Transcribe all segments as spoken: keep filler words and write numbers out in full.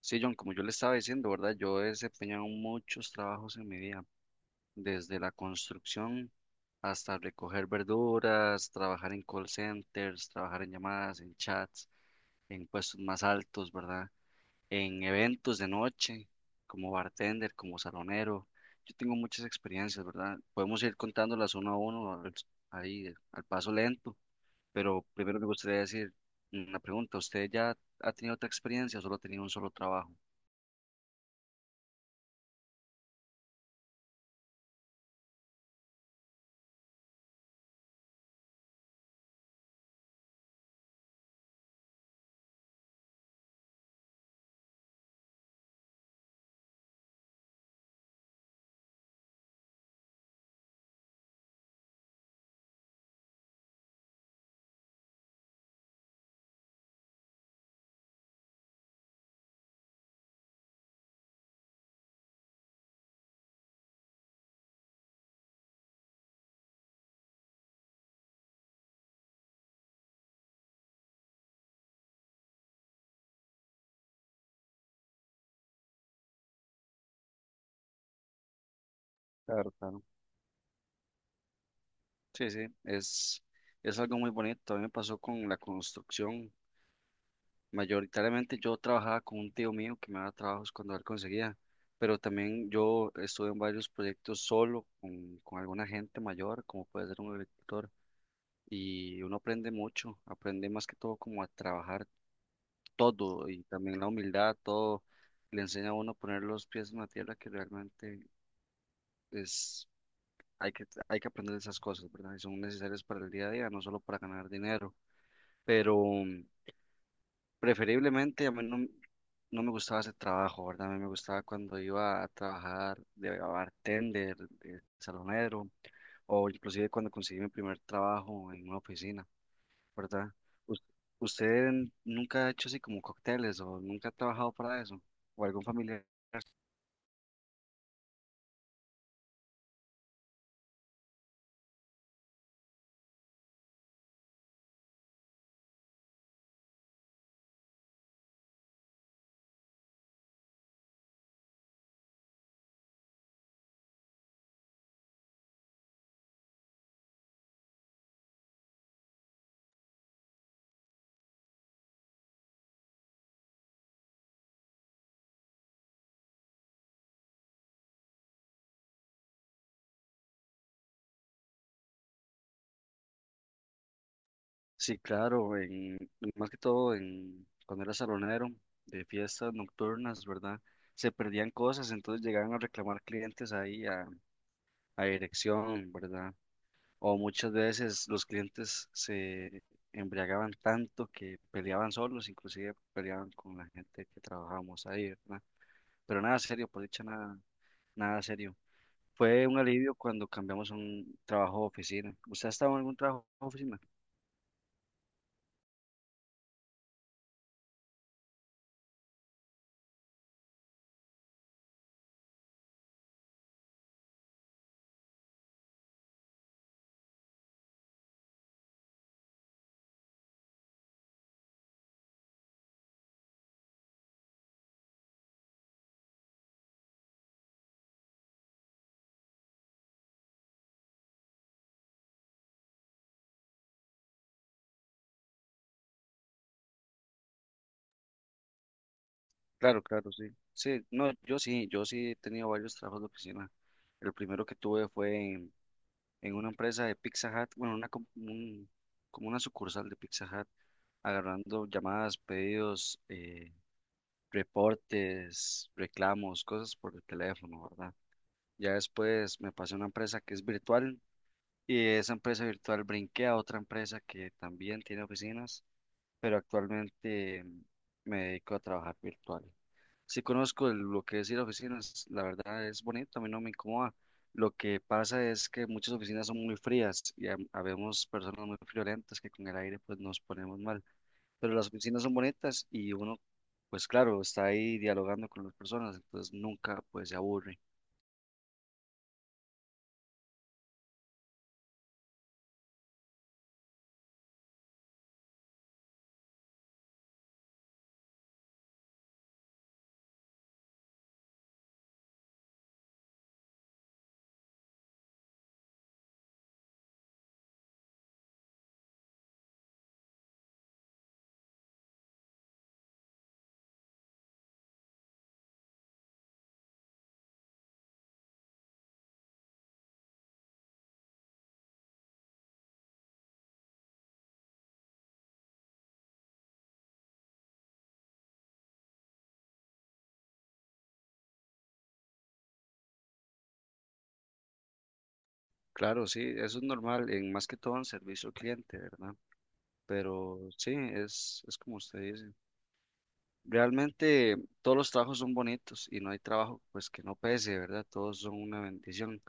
Sí, John, como yo le estaba diciendo, ¿verdad? Yo he desempeñado muchos trabajos en mi vida, desde la construcción hasta recoger verduras, trabajar en call centers, trabajar en llamadas, en chats, en puestos más altos, ¿verdad? En eventos de noche, como bartender, como salonero. Yo tengo muchas experiencias, ¿verdad? Podemos ir contándolas uno a uno, al- ahí al paso lento, pero primero me gustaría decir una pregunta. ¿Usted ya ha tenido otra experiencia o solo ha tenido un solo trabajo? Sí, sí, es, es algo muy bonito. A mí me pasó con la construcción. Mayoritariamente yo trabajaba con un tío mío que me daba trabajos cuando él conseguía, pero también yo estuve en varios proyectos solo con, con alguna gente mayor, como puede ser un agricultor, y uno aprende mucho, aprende más que todo como a trabajar todo y también la humildad, todo le enseña a uno a poner los pies en la tierra que realmente es hay que, hay que aprender esas cosas, ¿verdad? Y son necesarias para el día a día, no solo para ganar dinero. Pero mm, preferiblemente a mí no, no me gustaba ese trabajo, ¿verdad? A mí me gustaba cuando iba a trabajar de bartender, de salonero, o inclusive cuando conseguí mi primer trabajo en una oficina, ¿verdad? ¿Us- ¿Usted nunca ha hecho así como cócteles o nunca ha trabajado para eso? ¿O algún familiar? Sí, claro, en, más que todo en, cuando era salonero de fiestas nocturnas, ¿verdad? Se perdían cosas, entonces llegaban a reclamar clientes ahí a, a dirección, ¿verdad? O muchas veces los clientes se embriagaban tanto que peleaban solos, inclusive peleaban con la gente que trabajábamos ahí, ¿verdad? Pero nada serio, por dicha nada, nada serio. Fue un alivio cuando cambiamos a un trabajo de oficina. ¿Usted ha estado en algún trabajo de oficina? Claro, claro, sí. Sí, no, yo sí, yo sí he tenido varios trabajos de oficina. El primero que tuve fue en, en una empresa de Pizza Hut, bueno, una, com- un- como una sucursal de Pizza Hut, agarrando llamadas, pedidos, eh, reportes, reclamos, cosas por el teléfono, ¿verdad? Ya después me pasé a una empresa que es virtual y de esa empresa virtual brinqué a otra empresa que también tiene oficinas, pero actualmente me dedico a trabajar virtual. Sí conozco el- lo que es ir a oficinas, la verdad es bonito, a mí no me incomoda. Lo que pasa es que muchas oficinas son muy frías y ha- habemos personas muy friolentas que con el aire pues nos ponemos mal. Pero las oficinas son bonitas y uno pues claro, está ahí dialogando con las personas, entonces nunca pues se aburre. Claro, sí, eso es normal, en más que todo en servicio al cliente, ¿verdad? Pero sí, es, es como usted dice. Realmente todos los trabajos son bonitos y no hay trabajo pues que no pese, ¿verdad? Todos son una bendición.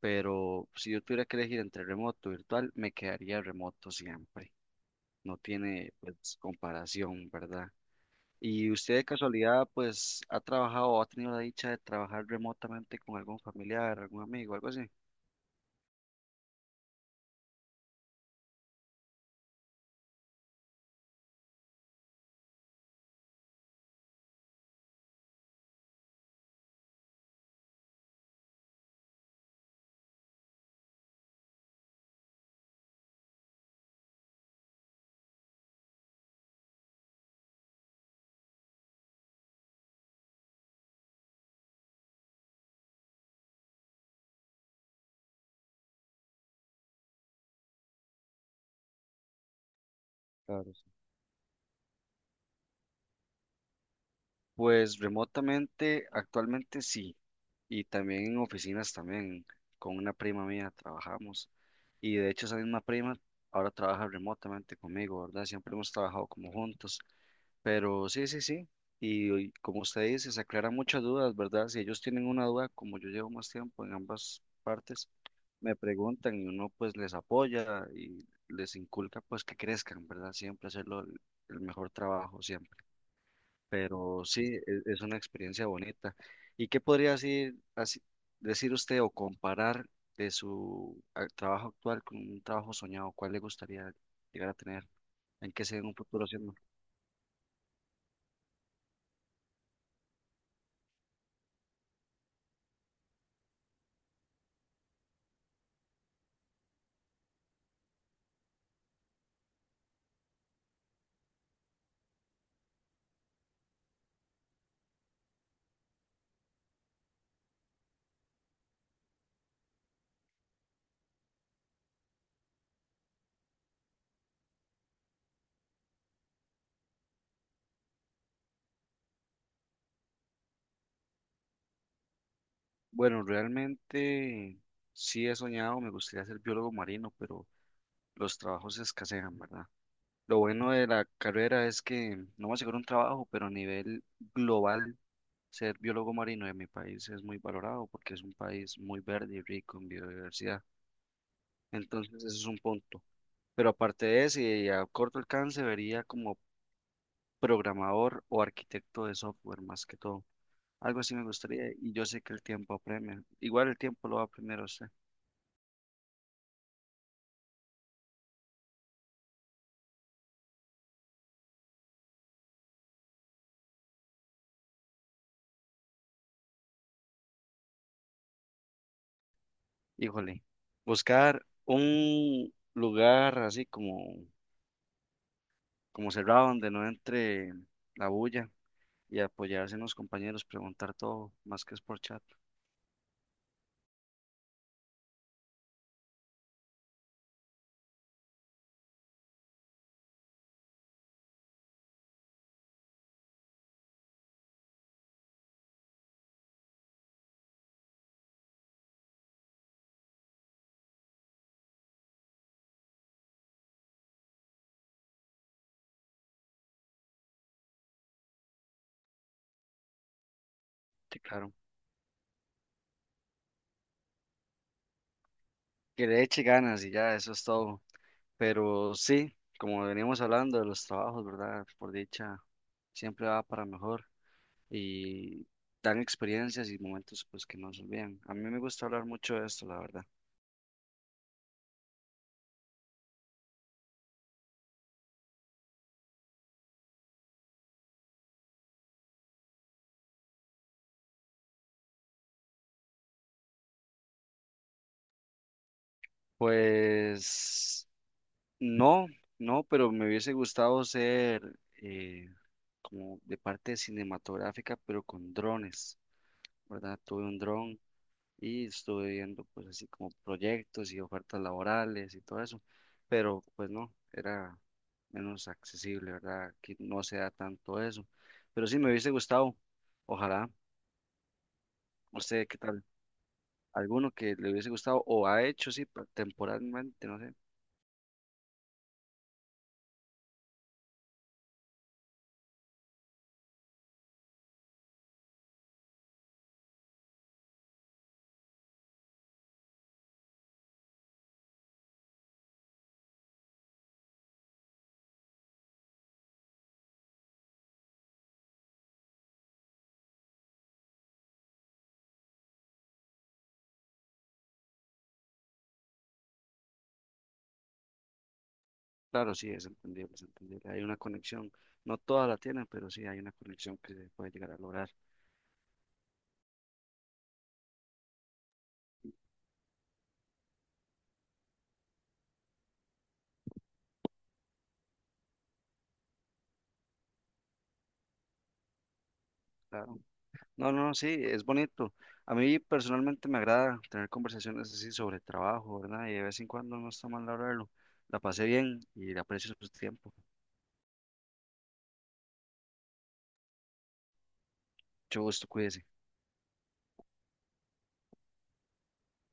Pero si yo tuviera que elegir entre remoto y virtual, me quedaría remoto siempre. No tiene pues comparación, ¿verdad? ¿Y usted de casualidad pues ha trabajado o ha tenido la dicha de trabajar remotamente con algún familiar, algún amigo, algo así? Claro, sí. Pues remotamente, actualmente sí, y también en oficinas también, con una prima mía trabajamos, y de hecho esa misma prima ahora trabaja remotamente conmigo, ¿verdad? Siempre hemos trabajado como juntos. Pero sí, sí, sí. Y hoy, como usted dice, se aclaran muchas dudas, ¿verdad? Si ellos tienen una duda, como yo llevo más tiempo en ambas partes, me preguntan y uno pues les apoya y les inculca pues que crezcan, ¿verdad? Siempre hacerlo el, el mejor trabajo, siempre. Pero sí, e- es, una experiencia bonita. ¿Y qué podría decir, así- decir usted o comparar de su a- trabajo actual con un trabajo soñado? ¿Cuál le gustaría llegar a tener? ¿En qué se ve en un futuro? Bueno, realmente sí he soñado, me gustaría ser biólogo marino, pero los trabajos escasean, ¿verdad? Lo bueno de la carrera es que no me aseguro un trabajo, pero a nivel global, ser biólogo marino en mi país es muy valorado porque es un país muy verde y rico en biodiversidad. Entonces, ese es un punto. Pero aparte de eso, y a corto alcance, vería como programador o arquitecto de software más que todo. Algo así me gustaría y yo sé que el tiempo apremia. Igual el tiempo lo va primero a apremiar a usted. Híjole, buscar un lugar así como, como cerrado donde no entre la bulla y apoyarse en los compañeros, preguntar todo, más que es por chat. Sí, claro. Que le eche ganas y ya, eso es todo. Pero sí, como veníamos hablando de los trabajos, ¿verdad? Por dicha, siempre va para mejor y dan experiencias y momentos pues que no se olvidan. A mí me gusta hablar mucho de esto, la verdad. Pues... No, no, pero me hubiese gustado ser eh, como de parte cinematográfica, pero con drones, ¿verdad? Tuve un dron y estuve viendo pues así como proyectos y ofertas laborales y todo eso, pero pues no, era menos accesible, ¿verdad? Aquí no se da tanto eso, pero sí me hubiese gustado, ojalá, no sé qué tal, alguno que le hubiese gustado o ha hecho, sí, pa- temporalmente, no sé. Claro, sí, es entendible, es entendible. Hay una conexión, no todas la tienen, pero sí hay una conexión que se puede llegar a lograr. Claro. No, no, no, sí, es bonito. A mí personalmente me agrada tener conversaciones así sobre trabajo, ¿verdad? Y de vez en cuando no está mal hablarlo. La pasé bien y le aprecio su tiempo. Mucho gusto, cuídese.